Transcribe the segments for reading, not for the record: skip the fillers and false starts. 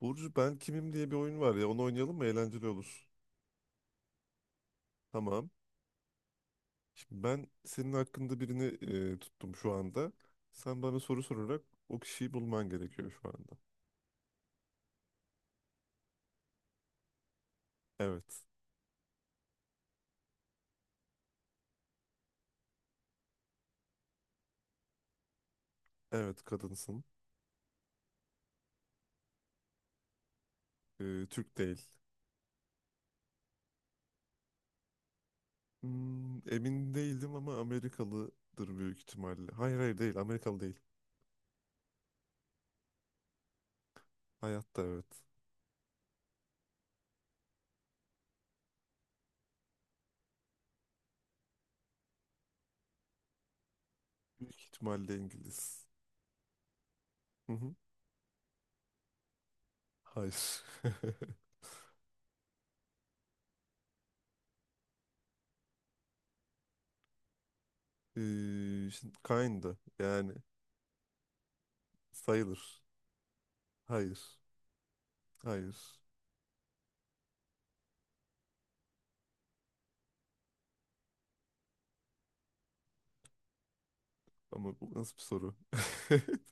Burcu ben kimim diye bir oyun var ya, onu oynayalım mı? Eğlenceli olur. Tamam. Şimdi ben senin hakkında birini tuttum şu anda. Sen bana soru sorarak o kişiyi bulman gerekiyor şu anda. Evet. Evet kadınsın. Türk değil. Hmm, emin değildim ama Amerikalıdır büyük ihtimalle. Hayır, hayır değil, Amerikalı değil. Hayatta, evet. Büyük ihtimalle İngiliz. Hı hı. Hayır. E, Şimdi kinda yani sayılır. Hayır. Hayır. Ama bu nasıl bir soru?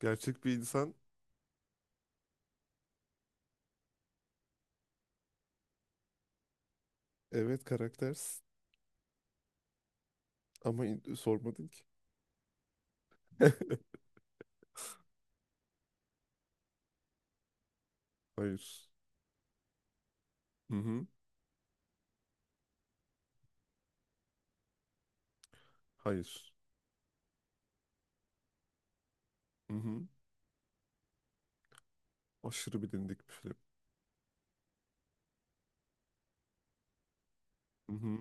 Gerçek bir insan. Evet, karaktersin. Ama sormadın ki. Hayır. Hı hı. Hayır. Hı hı. Aşırı bilindik bir film. Hı hı.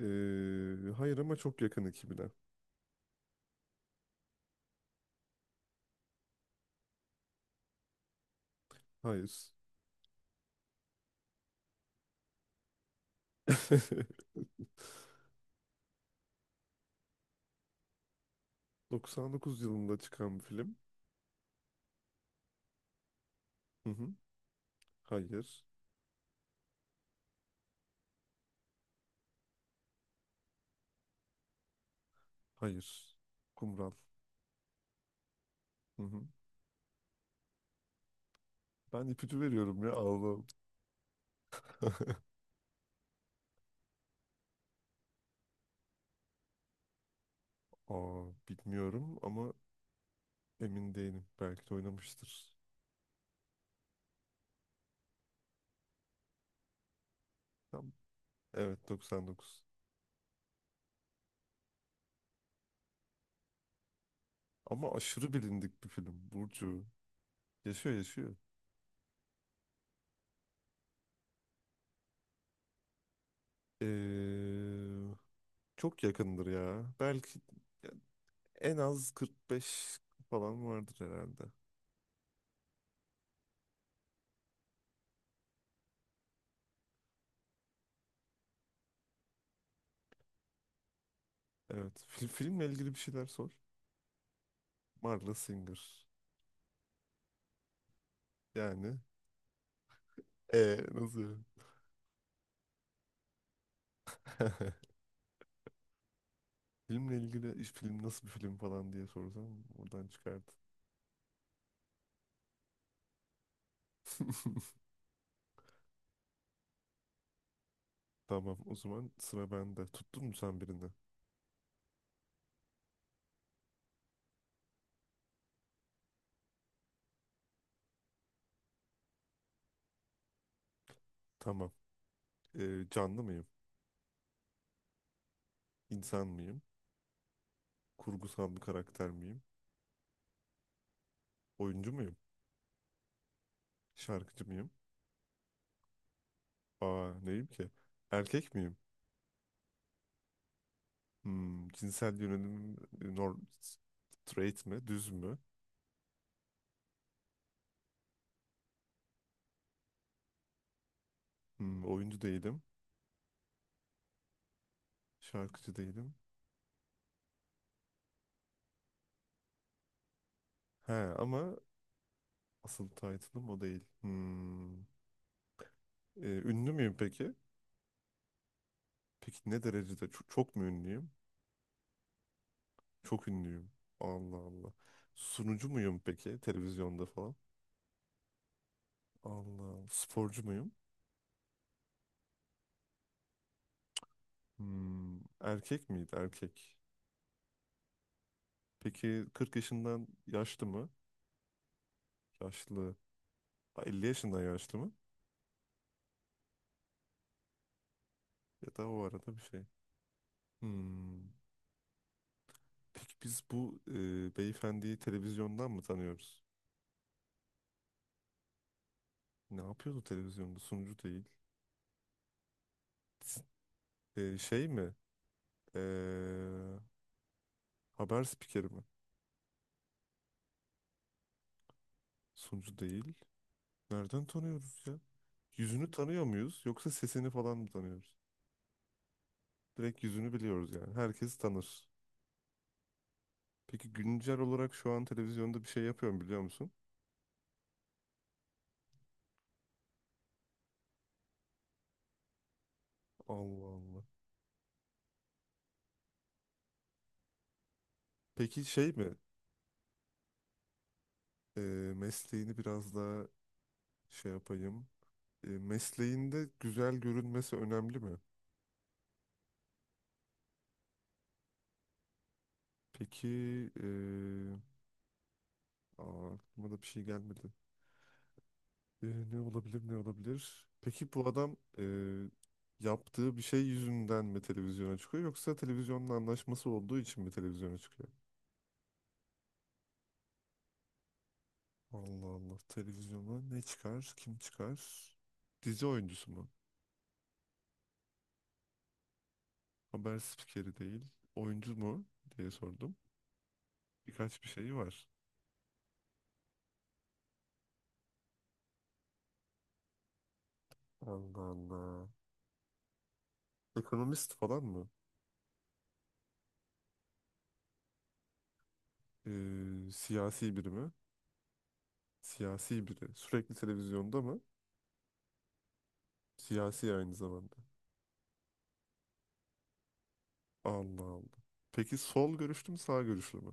Hayır ama çok yakın ekibine. Hayır. 99 yılında çıkan bir film. Hı hı. Hayır. Hayır. Kumral. Hı hı. Ben ipucu veriyorum ya Allah'ım. Aa, bilmiyorum ama emin değilim. Belki de oynamıştır. Tam. Evet, 99. Ama aşırı bilindik bir film, Burcu. Yaşıyor, yaşıyor. Ee, çok yakındır ya. Belki en az 45 falan vardır herhalde. Evet. Filmle ilgili bir şeyler sor. Marla Singer. Yani. Nasıl yani? Filmle ilgili iş, film nasıl bir film falan diye sorsam oradan çıkardı. Tamam, o zaman sıra bende. Tuttun mu sen birini? Tamam. Canlı mıyım? İnsan mıyım? Kurgusal bir karakter miyim? Oyuncu muyum? Şarkıcı mıyım? Aa, neyim ki? Erkek miyim? Hmm, cinsel yönelim norm, straight mi? Düz mü? Hmm, oyuncu değilim. Şarkıcı değilim. He ama asıl title'ım o değil. Hmm. E, ünlü müyüm peki? Peki ne derecede? Çok, çok mu ünlüyüm? Çok ünlüyüm. Allah Allah. Sunucu muyum peki? Televizyonda falan. Allah Allah. Sporcu muyum? Hmm, erkek miydi? Erkek. Peki 40 yaşından yaşlı mı? Yaşlı. Ha, 50 yaşından yaşlı mı? Ya da o arada bir şey. Hmm. Peki biz bu beyefendiyi televizyondan mı tanıyoruz? Ne yapıyordu televizyonda? Sunucu değil. S- şey mi? E, haber spikeri mi? Sunucu değil. Nereden tanıyoruz ya? Yüzünü tanıyor muyuz yoksa sesini falan mı tanıyoruz? Direkt yüzünü biliyoruz yani. Herkes tanır. Peki güncel olarak şu an televizyonda bir şey yapıyor mu, biliyor musun? Allah Allah. Peki şey mi? e, Mesleğini biraz daha şey yapayım. E, mesleğinde güzel görünmesi önemli mi? Peki e, aa, aklıma da bir şey gelmedi. E, ne olabilir, ne olabilir? Peki bu adam yaptığı bir şey yüzünden mi televizyona çıkıyor yoksa televizyonla anlaşması olduğu için mi televizyona çıkıyor? Allah Allah, televizyona ne çıkar, kim çıkar? Dizi oyuncusu mu? Haber spikeri değil. Oyuncu mu diye sordum. Birkaç bir şeyi var. Allah Allah. Ekonomist falan mı? Siyasi biri mi? Siyasi biri. Sürekli televizyonda mı? Siyasi aynı zamanda. Allah Allah. Peki sol görüşlü mü, sağ görüşlü mü?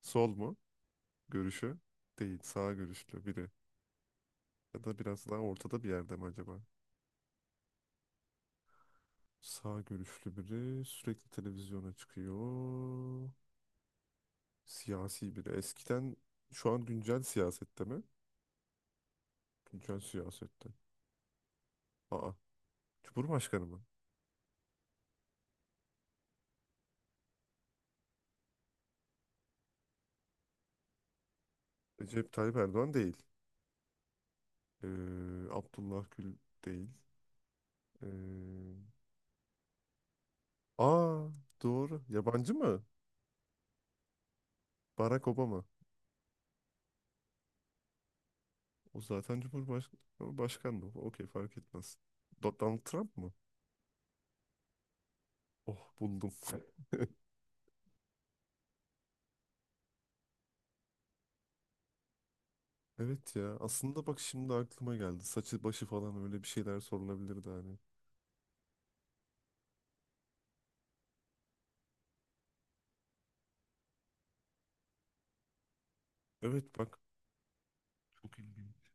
Sol mu? Görüşü değil. Sağ görüşlü biri. Ya da biraz daha ortada bir yerde mi acaba? Sağ görüşlü biri sürekli televizyona çıkıyor. Siyasi biri. Eskiden şu an güncel siyasette mi? Güncel siyasette. Aa. Cumhurbaşkanı mı? Recep Tayyip Erdoğan değil. Abdullah Gül değil. Ee, aa, doğru. Yabancı mı? Barack Obama. O zaten Cumhurbaşkanı. Başkan mı? Okey, fark etmez. Donald Trump mı? Oh, buldum. Evet ya. Aslında bak, şimdi aklıma geldi. Saçı başı falan, öyle bir şeyler sorulabilirdi hani. Evet bak. Çok ilginç.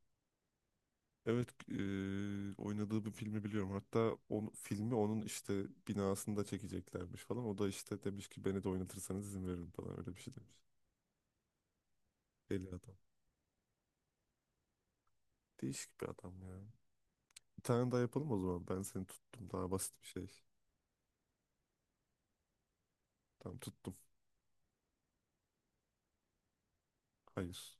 Evet, oynadığı bir filmi biliyorum. Hatta o filmi onun işte binasında çekeceklermiş falan. O da işte demiş ki beni de oynatırsanız izin veririm falan, öyle bir şey demiş. Deli adam. Değişik bir adam ya. Bir tane daha yapalım o zaman. Ben seni tuttum. Daha basit bir şey. Tamam, tuttum. Hayır.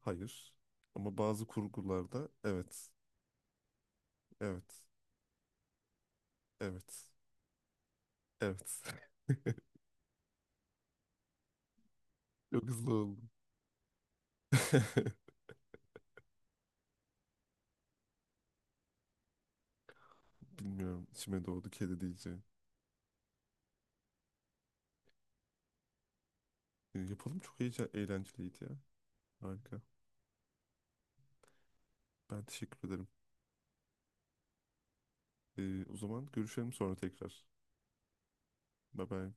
Hayır. Ama bazı kurgularda evet. Evet. Evet. Evet. Çok hızlı oldu. Bilmiyorum. İçime doğdu, kedi diyeceğim. Yapalım, çok iyice eğlenceliydi ya. Harika. Ben teşekkür ederim. O zaman görüşelim sonra tekrar. Bye bye.